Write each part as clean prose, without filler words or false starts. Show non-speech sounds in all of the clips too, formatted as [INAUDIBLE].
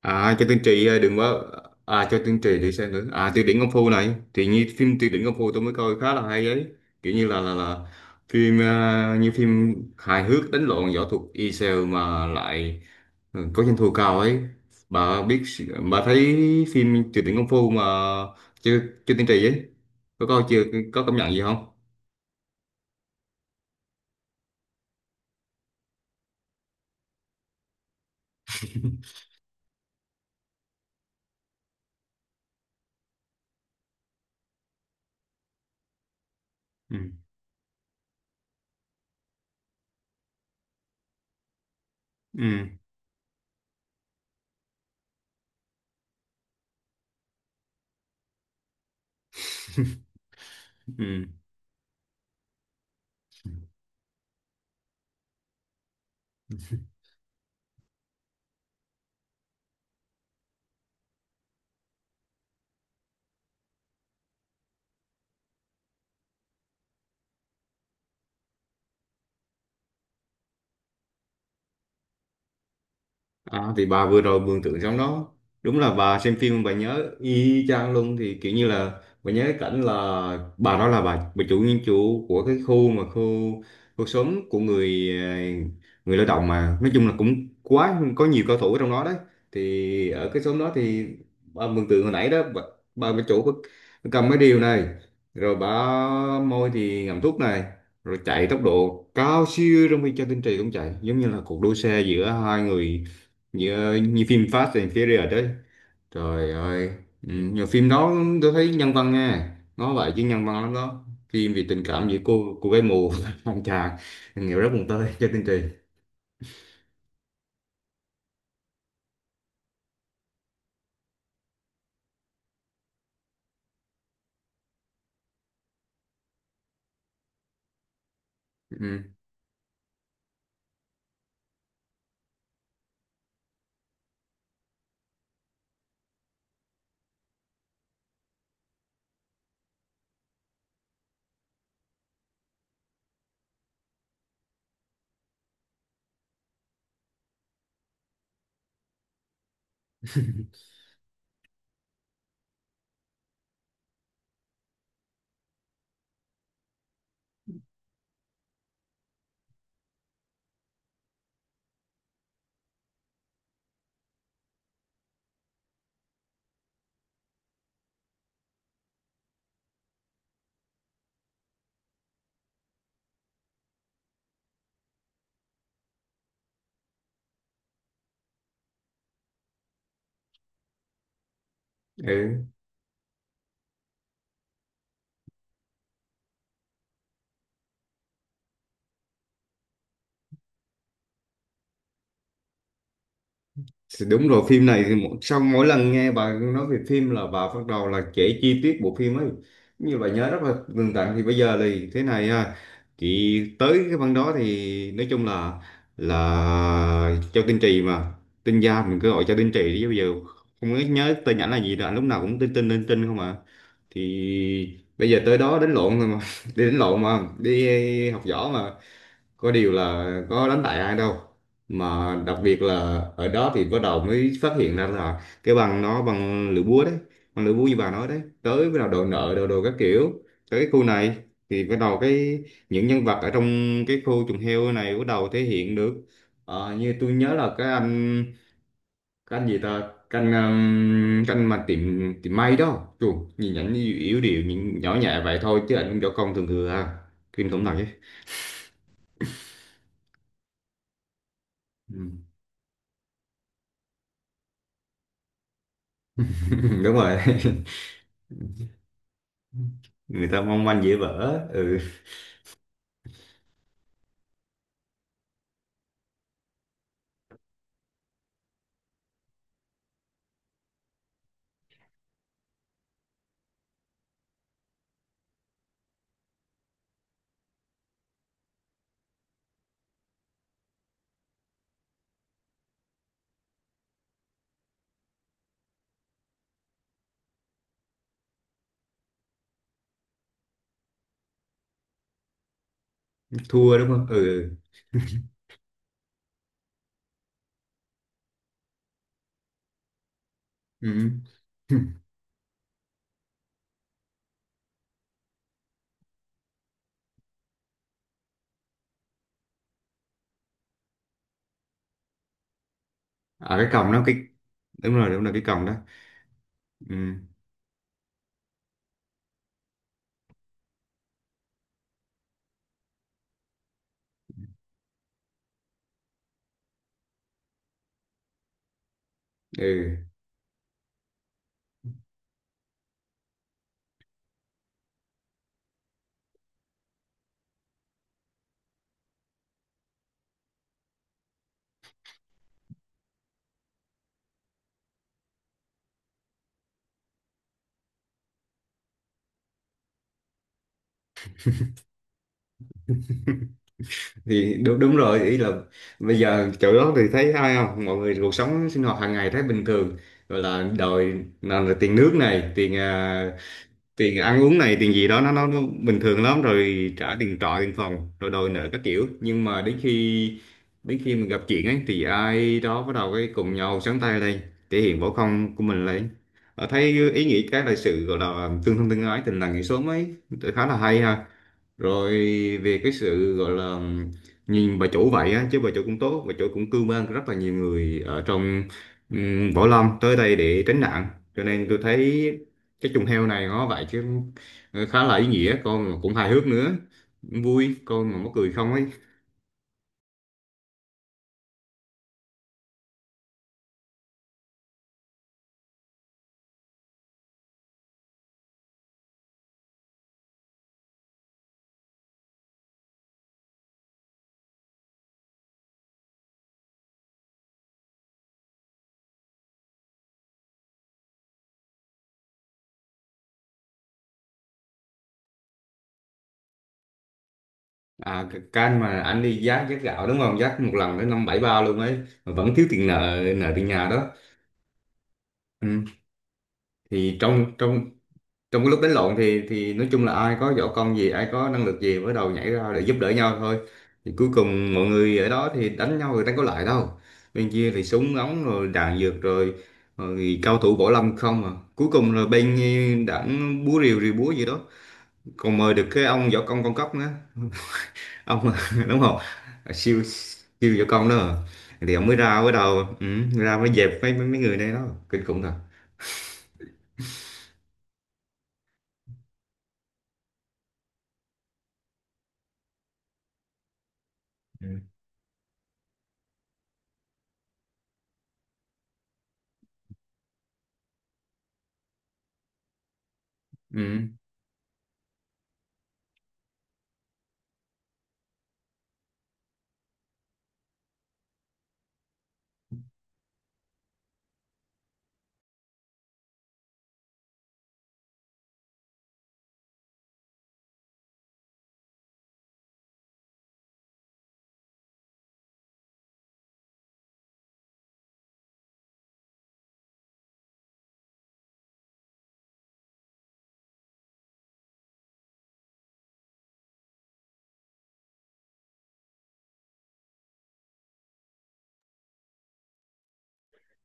À cho tiên tri đừng quá à cho tiên tri để xem nữa à tiêu điển công phu này thì như phim tiêu điển công phu tôi mới coi khá là hay ấy kiểu như là phim như phim hài hước đánh lộn võ thuật y sale mà lại, ừ, có doanh thu cao ấy. Bà biết, bà thấy phim tiêu điển công phu mà. Chưa chưa tiên tri ấy, có coi chưa, có cảm nhận gì không? Ừ. Ừ. [LAUGHS] Ừ. À, thì bà vừa rồi mường tượng trong đó, đúng là bà xem phim bà nhớ y chang luôn. Thì kiểu như là bà nhớ cái cảnh là bà đó là bà chủ nhân chủ của cái khu mà khu khu xóm của người người lao động, mà nói chung là cũng quá có nhiều cao thủ ở trong đó đấy. Thì ở cái xóm đó thì bà mường tượng hồi nãy đó, bà chủ bà cầm cái điều này, rồi bà môi thì ngậm thuốc này, rồi chạy tốc độ cao siêu trong khi cho tinh trì cũng chạy, giống như là cuộc đua xe giữa hai người, như phim Fast and Furious đấy. Trời ơi. Ừ, nhiều phim đó tôi thấy nhân văn nha, nó vậy chứ nhân văn lắm đó, phim về tình cảm giữa cô gái mù [LAUGHS] anh chàng nghĩa rất buồn tơi cho chương trình. Ừ. Ừ. Thì đúng rồi, phim này thì sau mỗi lần nghe bà nói về phim là bà bắt đầu là kể chi tiết bộ phim ấy, như bà nhớ rất là tường tận. Thì bây giờ thì thế này thì tới cái phần đó thì nói chung là Châu Tinh Trì mà, Tinh Gia mình cứ gọi Châu Tinh Trì đi, bây giờ không có nhớ tên ảnh là gì nữa, lúc nào cũng Tinh Tinh Tinh Tinh không à. Thì bây giờ tới đó đánh lộn rồi mà [LAUGHS] đi đánh lộn mà đi học võ mà có điều là có đánh bại ai đâu. Mà đặc biệt là ở đó thì bắt đầu mới phát hiện ra là cái bằng nó bằng lưỡi búa đấy, bằng lưỡi búa như bà nói đấy, tới bắt đầu đòi nợ đòi đồ các kiểu. Tới cái khu này thì bắt đầu cái những nhân vật ở trong cái khu chuồng heo này bắt đầu thể hiện được. Ờ, như tôi nhớ là cái anh, cái anh gì ta, cái anh mà tiệm tiệm may đó Chù, nhìn ảnh như yếu điệu nhìn nhỏ nhẹ vậy thôi chứ ảnh cũng võ công thường thường à, kinh khủng thật chứ. Ừ. [LAUGHS] Đúng rồi. [LAUGHS] Người ta mong manh dễ vỡ. Ừ, thua đúng không. Ừ. Ừ. [LAUGHS] À, cái còng nó cái, đúng rồi cái còng đó. Ừ. Ừ. Thì đúng đúng rồi, ý là bây giờ chỗ đó thì thấy ai không, mọi người cuộc sống sinh hoạt hàng ngày thấy bình thường, gọi là đòi, nào là tiền nước này, tiền tiền ăn uống này, tiền gì đó, nó bình thường lắm rồi, trả tiền trọ tiền phòng rồi đòi nợ các kiểu. Nhưng mà đến khi, đến khi mình gặp chuyện ấy thì ai đó bắt đầu cái cùng nhau sáng tay lên, thể hiện võ công của mình lên. Ờ, thấy ý nghĩa cái là sự gọi là tương thân tương ái, tình làng nghĩa xóm ấy, khá là hay ha. Rồi về cái sự gọi là nhìn bà chủ vậy á, chứ bà chủ cũng tốt, bà chủ cũng cưu mang rất là nhiều người ở trong võ lâm tới đây để tránh nạn. Cho nên tôi thấy cái trùng heo này nó vậy chứ, ờ, khá là ý nghĩa con mà cũng hài hước nữa, vui con mà mắc cười không ấy. À cái can mà anh đi giác giác gạo đúng không, giác một lần tới năm bảy ba luôn ấy, mà vẫn thiếu tiền, nợ nợ tiền nhà đó. Ừ. Thì trong trong trong cái lúc đánh lộn thì nói chung là ai có võ công gì, ai có năng lực gì mới đầu nhảy ra để giúp đỡ nhau thôi. Thì cuối cùng mọi người ở đó thì đánh nhau rồi đánh có lại đâu, bên kia thì súng ống rồi đạn dược rồi, rồi cao thủ võ lâm không à. Cuối cùng là bên đảng búa rìu, rìu búa gì đó, còn mời được cái ông võ công con cóc nữa. [LAUGHS] Ông [LAUGHS] đúng không. À, siêu siêu võ công đó à. Thì ông mới ra mới đầu, ừ, ra mới dẹp mấy mấy mấy người này đó, kinh khủng thật. Ừ. Ừ.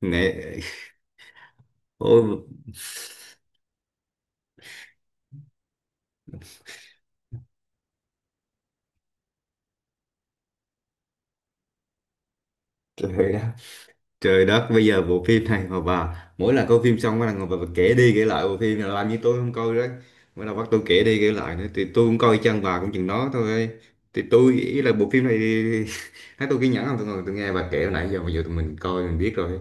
Nè, ôi trời ơi. Trời đất, bây giờ bộ phim này mà bà mỗi lần coi phim xong bà ngồi bà kể đi kể lại bộ phim này làm như tôi không coi đấy. Bắt đầu bắt tôi kể đi kể lại nữa thì tôi cũng coi chân bà cũng chừng đó thôi. Thì tôi nghĩ là bộ phim này [LAUGHS] thấy tôi kiên nhẫn không, tôi ngồi tôi nghe bà kể hồi nãy giờ, bây giờ tụi mình coi mình biết rồi.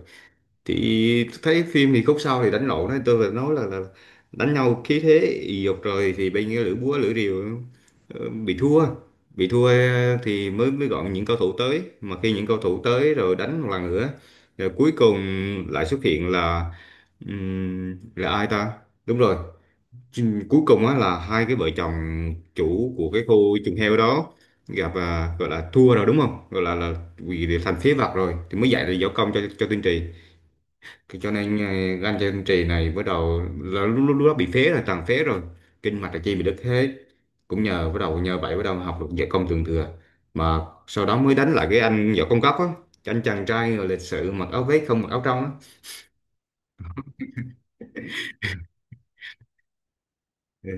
Thì thấy phim thì khúc sau thì đánh lộn đó, tôi phải nói là đánh nhau khí thế ì dục rồi, thì bên cái lưỡi búa lưỡi rìu, ờ, bị thua, bị thua, thì mới mới gọi những cầu thủ tới. Mà khi những cầu thủ tới rồi đánh một lần nữa, rồi cuối cùng lại xuất hiện là ai ta, đúng rồi. Cuối cùng á là hai cái vợ chồng chủ của cái khu chuồng heo đó gặp gọi là thua rồi đúng không, gọi là vì thành phế vật rồi thì mới dạy là võ công cho Tiên Trì. Cái cho nên ờ, gan chân trì này bắt đầu là lúc, lúc đó bị phế rồi, tràn phế rồi, kinh mạch là chi bị đứt hết, cũng nhờ bắt đầu nhờ vậy bắt đầu học được võ công thượng thừa. Mà sau đó mới đánh lại cái anh võ công cấp á, cái anh chàng trai rồi lịch sự mặc áo vest không mặc áo trong á. Ừ.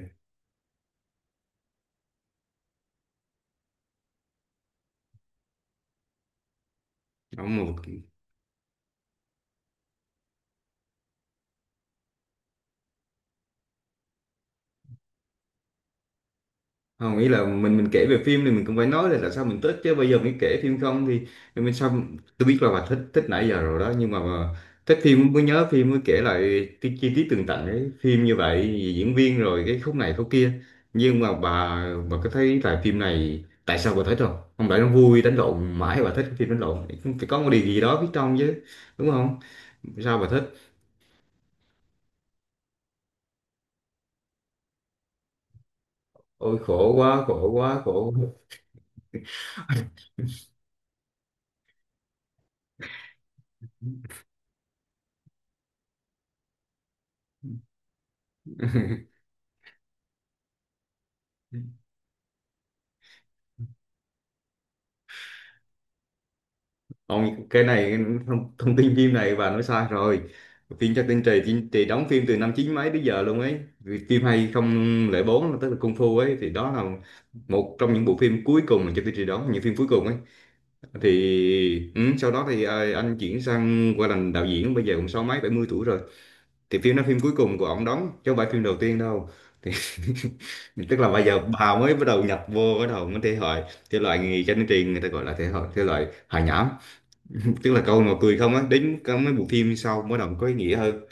Ông một, không ý là mình kể về phim thì mình cũng phải nói là tại sao mình thích chứ, bây giờ mình kể phim không thì thì mình sao. Tôi biết là bà thích thích nãy giờ rồi đó, nhưng mà thích phim mới nhớ phim, mới kể lại cái chi tiết tường tận ấy, phim như vậy diễn viên rồi cái khúc này khúc kia. Nhưng mà bà có thấy là phim này tại sao bà thích không? Không phải nó vui đánh lộn mãi bà thích cái phim đánh lộn, phải có một điều gì đó phía trong chứ, đúng không? Sao bà thích? Ôi khổ quá khổ quá khổ quá. [LAUGHS] Ông cái này cái thông tin phim này bà nói sai rồi. Phim Trác Tinh Trì thì đóng phim từ năm chín mấy tới giờ luôn ấy. Vì phim 2004 tức là Kung Fu ấy thì đó là một trong những bộ phim cuối cùng mà Trác Tinh Trì đóng, những phim cuối cùng ấy. Thì ừ, sau đó thì anh chuyển sang qua làm đạo diễn, bây giờ cũng sáu mấy bảy mươi tuổi rồi. Thì phim đó phim cuối cùng của ông đóng chứ không phải phim đầu tiên đâu. Thì [LAUGHS] tức là bây giờ bà mới bắt đầu nhập vô, bắt đầu mới thể loại, thể loại nghề Trác Tinh Trì người ta gọi là thể loại, thể loại hài nhảm, tức là câu nào cười không á, đến có mấy bộ phim sau mới đầu có ý nghĩa hơn.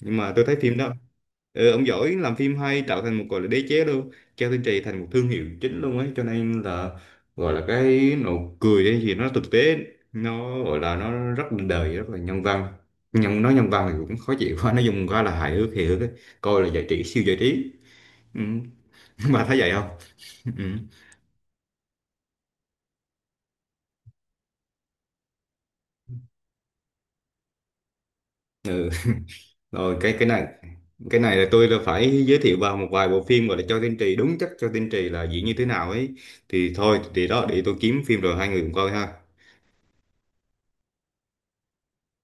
Nhưng mà tôi thấy phim đó, ừ, ông giỏi, làm phim hay tạo thành một gọi là đế chế luôn. Cao Thiên Trì thành một thương hiệu chính luôn ấy, cho nên là gọi là cái nụ cười hay gì nó thực tế, nó gọi là nó rất là đời, rất là nhân văn. Nhưng nói nhân văn thì cũng khó chịu quá, nó dùng quá là hài hước hề hước ấy. Coi là giải trí, siêu giải trí. Ừ. [LAUGHS] Bà thấy vậy không? Ừ. Ừ. Rồi cái cái này là tôi là phải giới thiệu vào một vài bộ phim gọi là cho tiên tri đúng chất, cho tiên tri là diễn như thế nào ấy. Thì thôi thì đó, để tôi kiếm phim rồi hai người cùng coi ha.